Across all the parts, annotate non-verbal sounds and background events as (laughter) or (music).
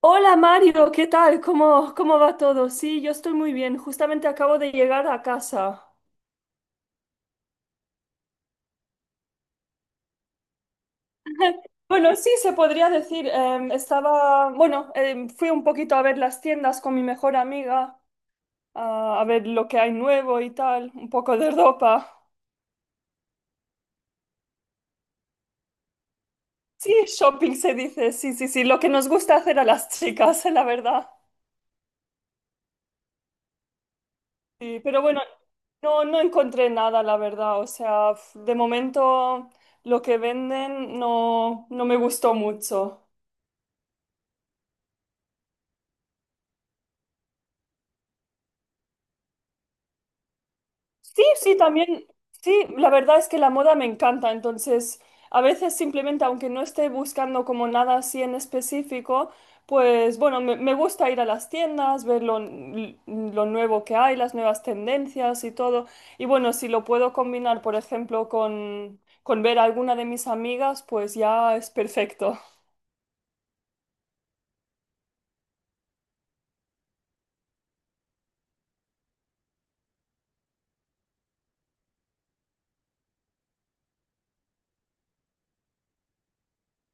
Hola Mario, ¿qué tal? ¿Cómo va todo? Sí, yo estoy muy bien. Justamente acabo de llegar a casa. Bueno, sí, se podría decir. Bueno, fui un poquito a ver las tiendas con mi mejor amiga, a ver lo que hay nuevo y tal, un poco de ropa. Sí, shopping se dice, sí, sí, sí, lo que nos gusta hacer a las chicas, (laughs) la verdad. Sí, pero bueno, no encontré nada, la verdad. O sea, de momento lo que venden no me gustó mucho. Sí, sí, también, sí, la verdad es que la moda me encanta, entonces a veces simplemente, aunque no esté buscando como nada así en específico, pues bueno, me gusta ir a las tiendas, ver lo nuevo que hay, las nuevas tendencias y todo. Y bueno, si lo puedo combinar, por ejemplo, con ver a alguna de mis amigas, pues ya es perfecto.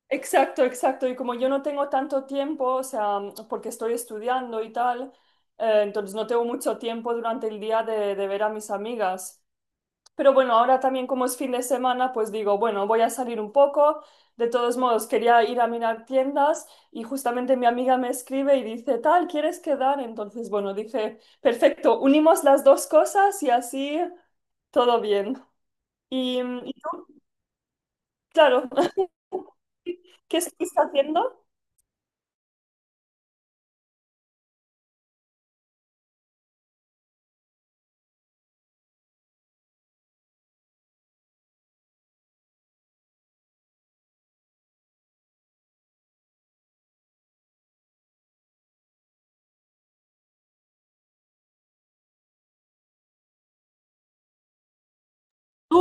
Exacto, exacto. Y como yo no tengo tanto tiempo, o sea, porque estoy estudiando y tal, entonces no tengo mucho tiempo durante el día de ver a mis amigas. Pero bueno, ahora también como es fin de semana, pues digo, bueno, voy a salir un poco. De todos modos, quería ir a mirar tiendas y justamente mi amiga me escribe y dice, tal, ¿quieres quedar? Entonces, bueno, dije, perfecto, unimos las dos cosas y así todo bien. Y tú, claro, (laughs) ¿qué estás haciendo? Tú,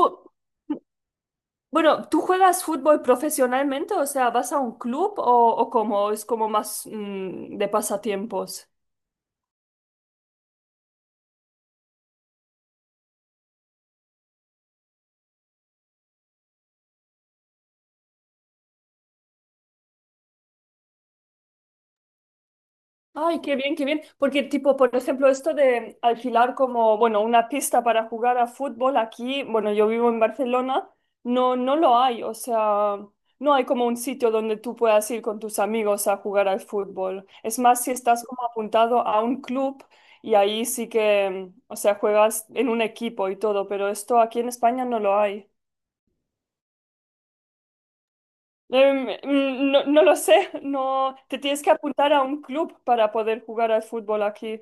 bueno, ¿tú juegas fútbol profesionalmente? O sea, ¿vas a un club o cómo? ¿Es como más de pasatiempos? Ay, qué bien, qué bien. Porque, tipo, por ejemplo, esto de alquilar como, bueno, una pista para jugar a fútbol aquí, bueno, yo vivo en Barcelona, no lo hay. O sea, no hay como un sitio donde tú puedas ir con tus amigos a jugar al fútbol. Es más, si estás como apuntado a un club y ahí sí que, o sea, juegas en un equipo y todo, pero esto aquí en España no lo hay. No lo sé, no, te tienes que apuntar a un club para poder jugar al fútbol aquí.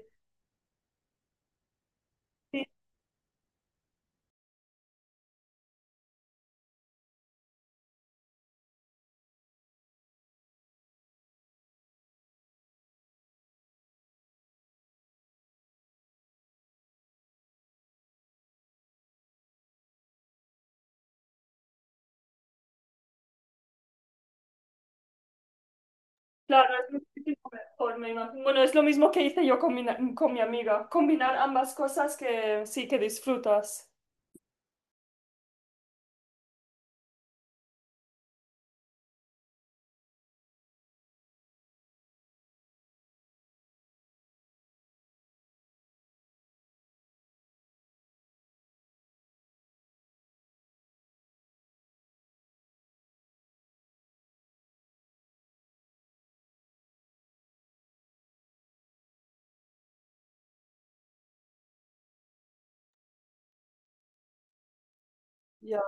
Claro, es muchísimo mejor, me imagino. Bueno, es lo mismo que hice yo con mi amiga. Combinar ambas cosas que sí que disfrutas. Ya,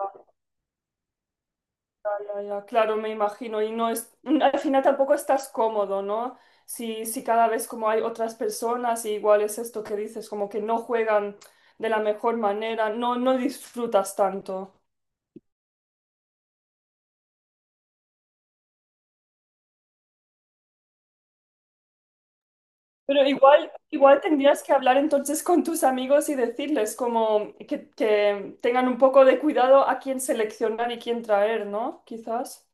ya, ya, claro, me imagino. Y no es, al final tampoco estás cómodo, ¿no? Si cada vez como hay otras personas, y igual es esto que dices, como que no juegan de la mejor manera, no disfrutas tanto. Pero igual, igual tendrías que hablar entonces con tus amigos y decirles como que tengan un poco de cuidado a quién seleccionar y quién traer, ¿no? Quizás.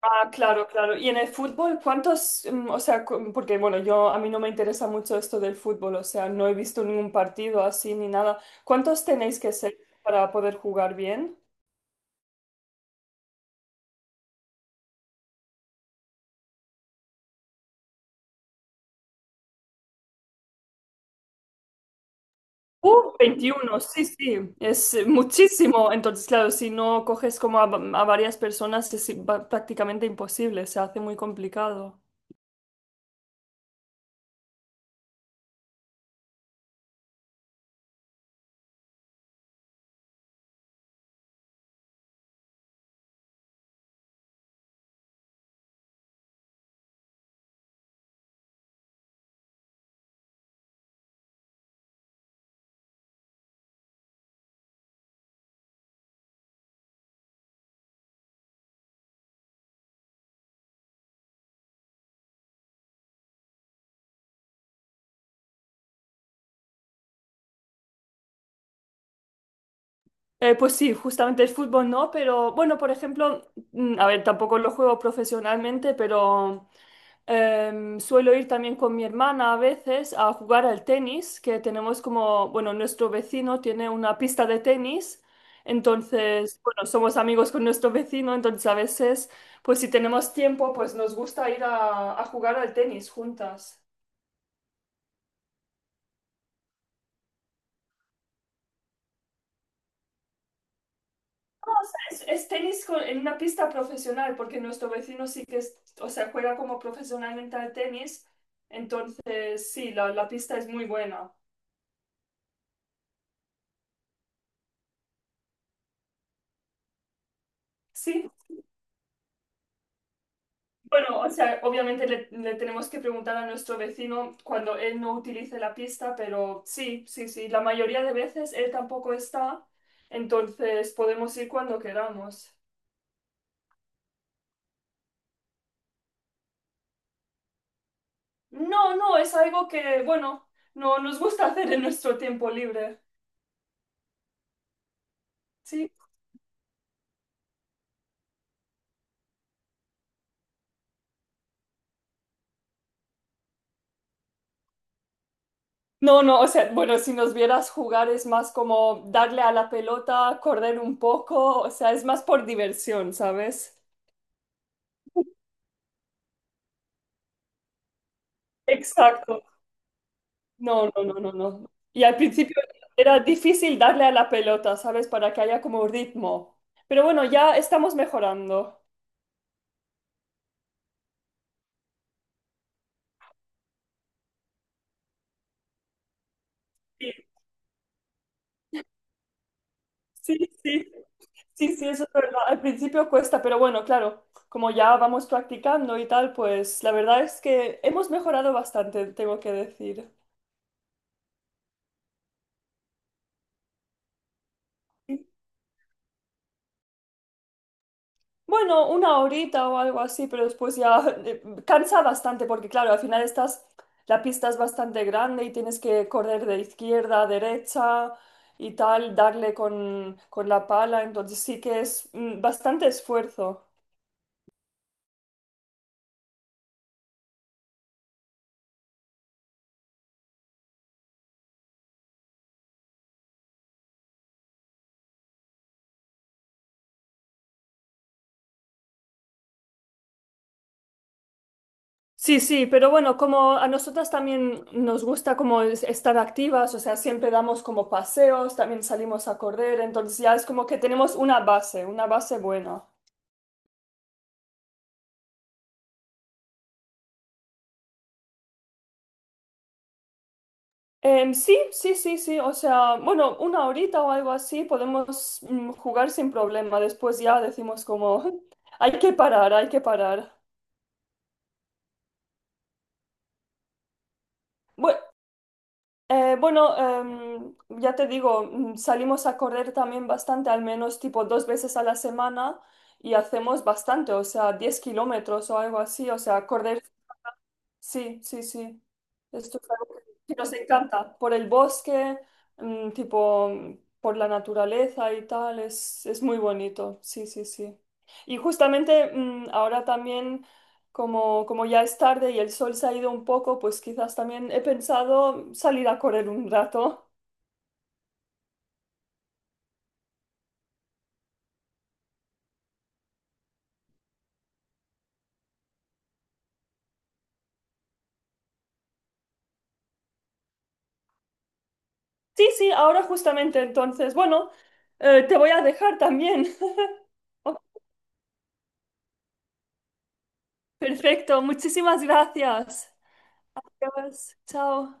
Ah, claro, claro. Y en el fútbol, ¿cuántos, o sea, porque bueno, yo a mí no me interesa mucho esto del fútbol, o sea, no he visto ningún partido así ni nada. ¿Cuántos tenéis que ser para poder jugar bien? 21 sí, sí, es muchísimo. Entonces, claro, si no coges como a varias personas es prácticamente imposible, se hace muy complicado. Pues sí, justamente el fútbol no, pero bueno, por ejemplo, a ver, tampoco lo juego profesionalmente, pero suelo ir también con mi hermana a veces a jugar al tenis, que tenemos como, bueno, nuestro vecino tiene una pista de tenis, entonces, bueno, somos amigos con nuestro vecino, entonces a veces, pues si tenemos tiempo, pues nos gusta ir a jugar al tenis juntas. Es tenis en una pista profesional, porque nuestro vecino sí que o sea, juega como profesionalmente al tenis, entonces sí, la pista es muy buena. Sí, bueno, o sea, obviamente le tenemos que preguntar a nuestro vecino cuando él no utilice la pista, pero sí, sí, sí, la mayoría de veces él tampoco está, entonces podemos ir cuando queramos. No, no, es algo que, bueno, no nos gusta hacer en nuestro tiempo libre. Sí. No, no, o sea, bueno, si nos vieras jugar es más como darle a la pelota, correr un poco, o sea, es más por diversión, ¿sabes? Exacto. No, no, no, no, no. Y al principio era difícil darle a la pelota, ¿sabes? Para que haya como ritmo. Pero bueno, ya estamos mejorando. Sí, sí, sí, sí, sí, eso es verdad. Al principio cuesta, pero bueno, claro, como ya vamos practicando y tal, pues la verdad es que hemos mejorado bastante, tengo que decir. Bueno, una horita o algo así, pero después ya cansa bastante porque claro, al final estás, la pista es bastante grande y tienes que correr de izquierda a derecha y tal, darle con la pala, entonces sí que es bastante esfuerzo. Sí, sí, pero bueno, como a nosotras también nos gusta como estar activas, o sea, siempre damos como paseos, también salimos a correr, entonces ya es como que tenemos una base buena. Sí, sí, sí, sí. O sea, bueno, una horita o algo así podemos jugar sin problema. Después ya decimos como, (laughs) hay que parar, hay que parar. Bue- bueno, ya te digo, salimos a correr también bastante, al menos tipo 2 veces a la semana y hacemos bastante, o sea, 10 kilómetros o algo así. O sea, correr. Sí, sí, sí. Esto es algo que nos encanta. Por el bosque, tipo, por la naturaleza y tal, es muy bonito. Sí, sí, sí. Y justamente ahora también, como ya es tarde y el sol se ha ido un poco, pues quizás también he pensado salir a correr un rato. Sí, sí, ahora justamente entonces. Bueno, te voy a dejar también. (laughs) Perfecto, muchísimas gracias. Adiós, chao.